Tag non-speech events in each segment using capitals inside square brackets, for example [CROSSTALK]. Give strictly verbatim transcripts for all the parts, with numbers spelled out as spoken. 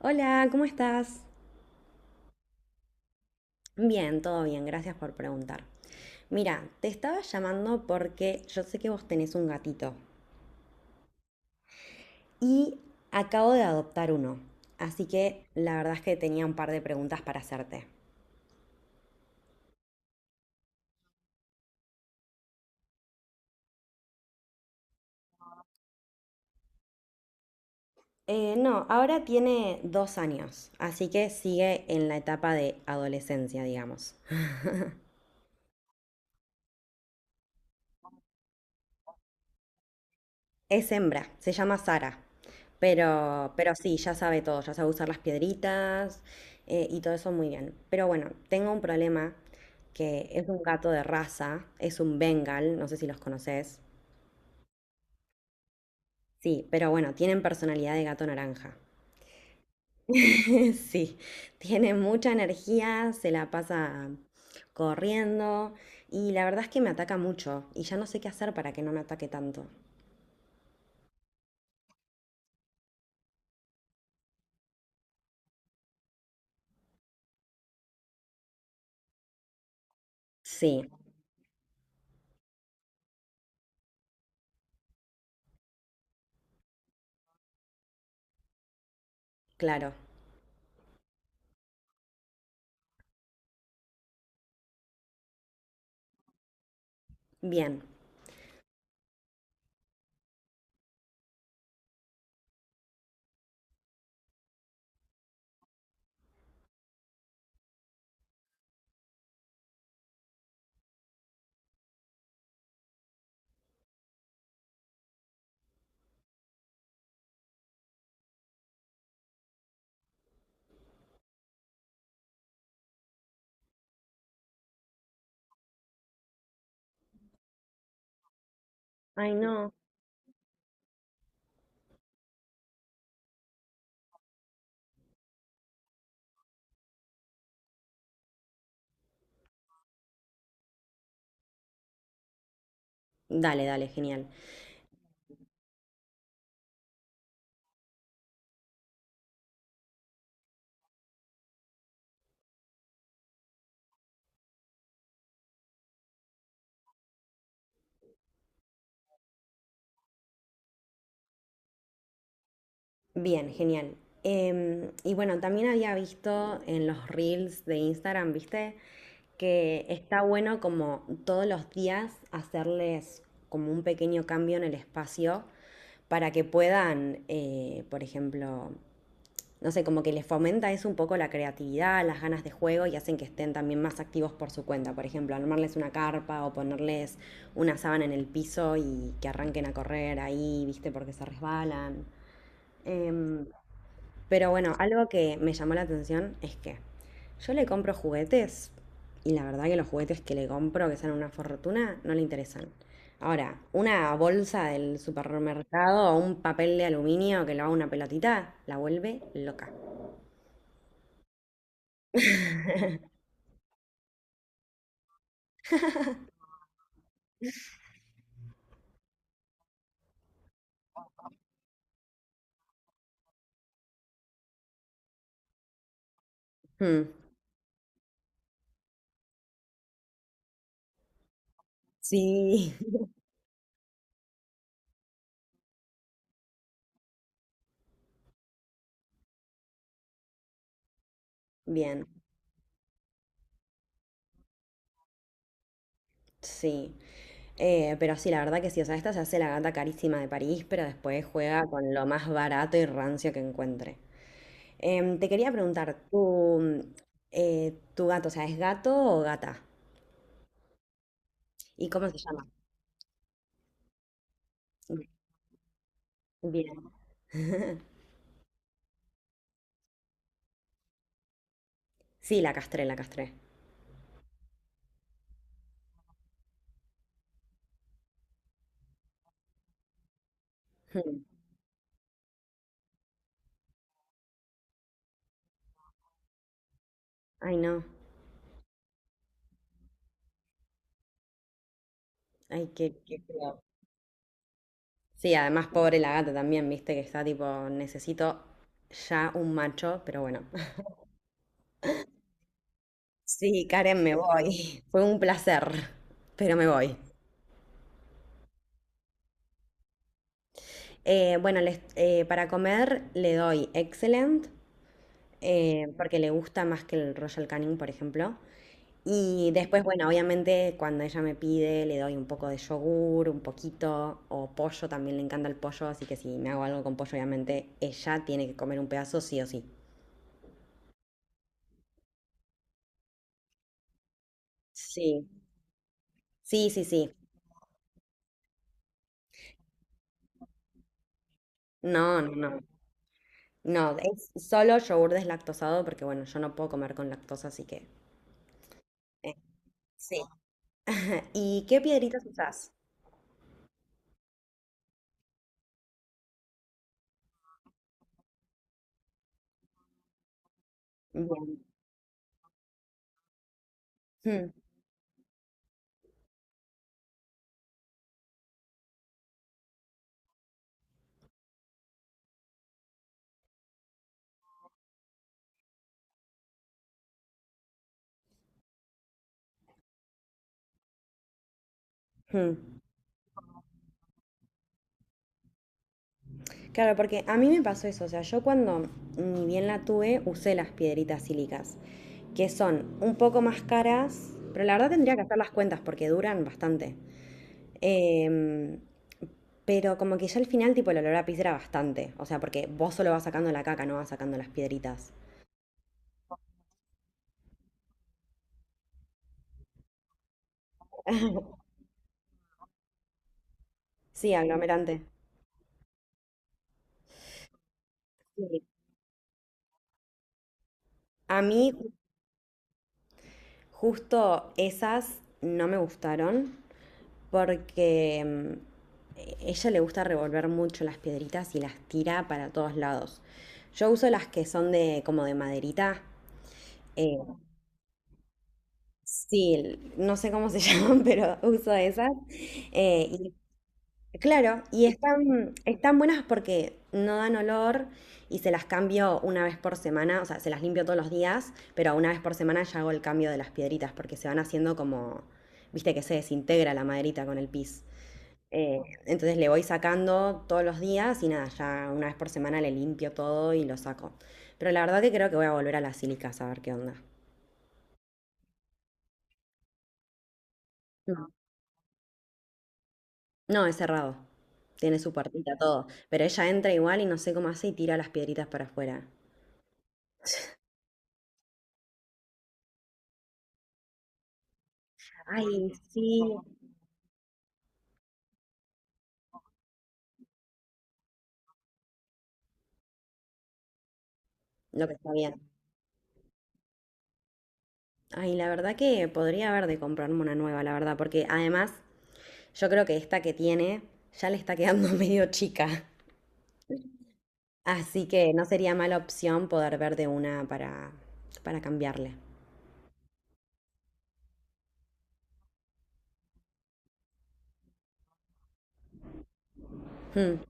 Hola, ¿cómo estás? Bien, todo bien, gracias por preguntar. Mira, te estaba llamando porque yo sé que vos tenés un gatito y acabo de adoptar uno, así que la verdad es que tenía un par de preguntas para hacerte. Eh, no, ahora tiene dos años, así que sigue en la etapa de adolescencia, digamos. Es hembra, se llama Sara. Pero, pero sí, ya sabe todo, ya sabe usar las piedritas eh, y todo eso muy bien. Pero bueno, tengo un problema que es un gato de raza, es un Bengal, no sé si los conoces. Sí, pero bueno, tienen personalidad de gato naranja. [LAUGHS] Sí, tiene mucha energía, se la pasa corriendo y la verdad es que me ataca mucho y ya no sé qué hacer para que no me ataque tanto. Sí, claro. Bien. Ay, no. Dale, dale, genial. Bien, genial. Em, y bueno, también había visto en los reels de Instagram, ¿viste? Que está bueno como todos los días hacerles como un pequeño cambio en el espacio para que puedan, eh, por ejemplo, no sé, como que les fomenta eso un poco la creatividad, las ganas de juego y hacen que estén también más activos por su cuenta. Por ejemplo, armarles una carpa o ponerles una sábana en el piso y que arranquen a correr ahí, ¿viste? Porque se resbalan. Em, pero bueno, algo que me llamó la atención es que yo le compro juguetes y la verdad que los juguetes que le compro, que salen una fortuna, no le interesan. Ahora, una bolsa del supermercado o un papel de aluminio que lo haga una pelotita, la vuelve loca. Hmm. Sí, [LAUGHS] bien, sí. Eh, pero sí, la verdad que sí, o sea, esta se hace la gata carísima de París, pero después juega con lo más barato y rancio que encuentre. Em, te quería preguntar, ¿tu, eh, tu gato, o sea, ¿es gato o gata? ¿Y cómo se llama? Bien. [LAUGHS] Sí, la castré, la castré. [LAUGHS] Hmm. Ay, no. Ay, qué, qué feo. Sí, además, pobre la gata también, viste que está tipo, necesito ya un macho, pero bueno. [LAUGHS] Sí, Karen, me voy. [LAUGHS] Fue un placer, pero me voy. Eh, bueno, les- eh, para comer le doy Excellent, eh, porque le gusta más que el Royal Canin, por ejemplo. Y después, bueno, obviamente cuando ella me pide, le doy un poco de yogur, un poquito, o pollo, también le encanta el pollo, así que si me hago algo con pollo, obviamente ella tiene que comer un pedazo sí o sí. Sí, sí, sí, sí. No, no, no. No, es solo yogur deslactosado porque, bueno, yo no puedo comer con lactosa, así que Eh, sí. [LAUGHS] ¿Y qué piedritas usás? Bien. Mm, mm. Claro, porque a mí me pasó eso, o sea, yo cuando ni bien la tuve, usé las piedritas sílicas, que son un poco más caras, pero la verdad tendría que hacer las cuentas porque duran bastante. Em, pero como que ya al final, tipo, el olor a pis era bastante, o sea, porque vos solo vas sacando la caca, no vas sacando las piedritas. Sí, aglomerante. Sí. A mí justo esas no me gustaron, porque mm, ella le gusta revolver mucho las piedritas y las tira para todos lados. Yo uso las que son de como de maderita. eh, sí, no sé cómo se [LAUGHS] llaman, pero uso esas. eh, y, claro, y están, están buenas porque no dan olor y se las cambio una vez por semana, o sea, se las limpio todos los días, pero una vez por semana ya hago el cambio de las piedritas porque se van haciendo como, viste que se desintegra la maderita con el pis. Eh, entonces le voy sacando todos los días y nada, ya una vez por semana le limpio todo y lo saco. Pero la verdad que creo que voy a volver a las sílicas a ver qué onda. No, no, es cerrado. Tiene su puertita, todo. Pero ella entra igual y no sé cómo hace y tira las piedritas para afuera. Ay, sí. Lo que está bien. Ay, la verdad que podría haber de comprarme una nueva, la verdad, porque además yo creo que esta que tiene ya le está quedando [LAUGHS] medio chica. Así que no sería mala opción poder ver de una para, para cambiarle. Mm.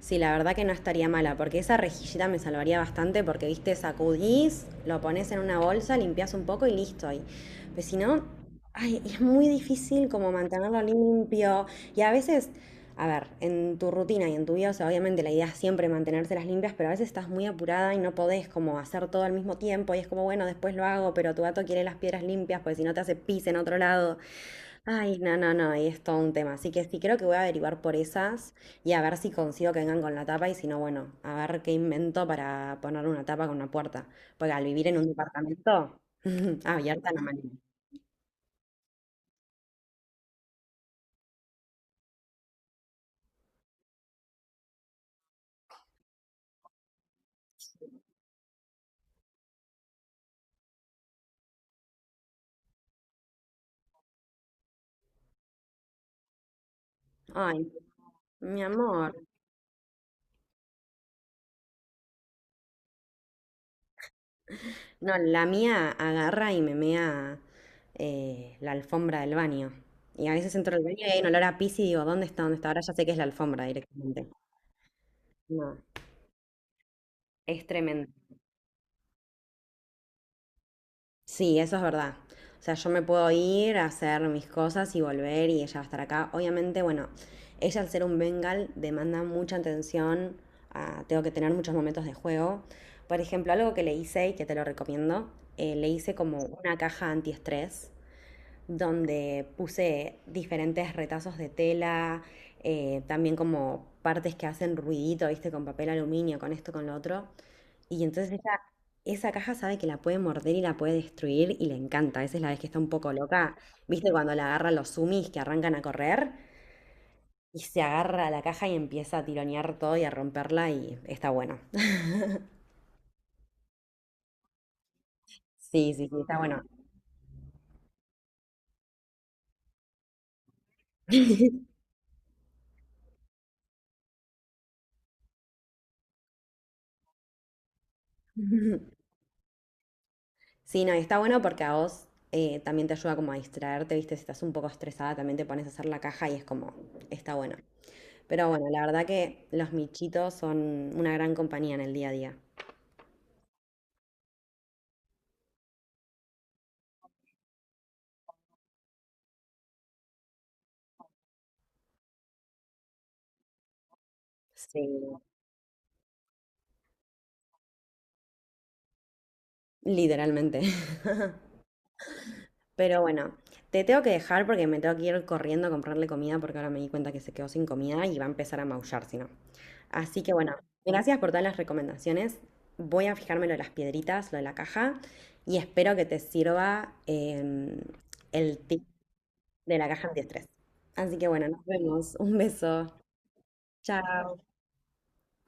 Sí, la verdad que no estaría mala, porque esa rejillita me salvaría bastante, porque viste, sacudís, lo pones en una bolsa, limpias un poco y listo. Y pues si no, ay, es muy difícil como mantenerlo limpio. Y a veces, a ver, en tu rutina y en tu vida, o sea, obviamente la idea es siempre mantenérselas limpias, pero a veces estás muy apurada y no podés como hacer todo al mismo tiempo. Y es como, bueno, después lo hago, pero tu gato quiere las piedras limpias, porque si no te hace pis en otro lado. Ay, no, no, no, ahí es todo un tema. Así que sí, creo que voy a averiguar por esas y a ver si consigo que vengan con la tapa y si no, bueno, a ver qué invento para poner una tapa con una puerta. Porque al vivir en un departamento, [LAUGHS] abierta no manera. Ay, mi amor. No, la mía agarra y me mea eh, la alfombra del baño. Y a veces entro al baño y hay un olor a pis y digo, ¿dónde está? ¿Dónde está? Ahora ya sé que es la alfombra directamente. No, es tremendo. Sí, eso es verdad. O sea, yo me puedo ir a hacer mis cosas y volver y ella va a estar acá. Obviamente, bueno, ella al ser un Bengal demanda mucha atención, ah, tengo que tener muchos momentos de juego. Por ejemplo, algo que le hice y que te lo recomiendo, eh, le hice como una caja antiestrés donde puse diferentes retazos de tela, eh, también como partes que hacen ruidito, viste, con papel aluminio, con esto, con lo otro. Y entonces esa, esa caja sabe que la puede morder y la puede destruir y le encanta. Esa es la vez que está un poco loca. ¿Viste cuando la agarran los sumis que arrancan a correr? Y se agarra a la caja y empieza a tironear todo y a romperla y está bueno. [LAUGHS] Sí, sí, sí, está bueno. [LAUGHS] Sí, no, y está bueno porque a vos eh, también te ayuda como a distraerte, ¿viste? Si estás un poco estresada, también te pones a hacer la caja y es como, está bueno. Pero bueno, la verdad que los michitos son una gran compañía en el día a día. Sí, literalmente. Pero bueno, te tengo que dejar porque me tengo que ir corriendo a comprarle comida porque ahora me di cuenta que se quedó sin comida y va a empezar a maullar si no. Así que bueno, gracias por todas las recomendaciones. Voy a fijarme lo de las piedritas, lo de la caja y espero que te sirva em, el tip de la caja antiestrés. Así que bueno, nos vemos. Un beso. Chao.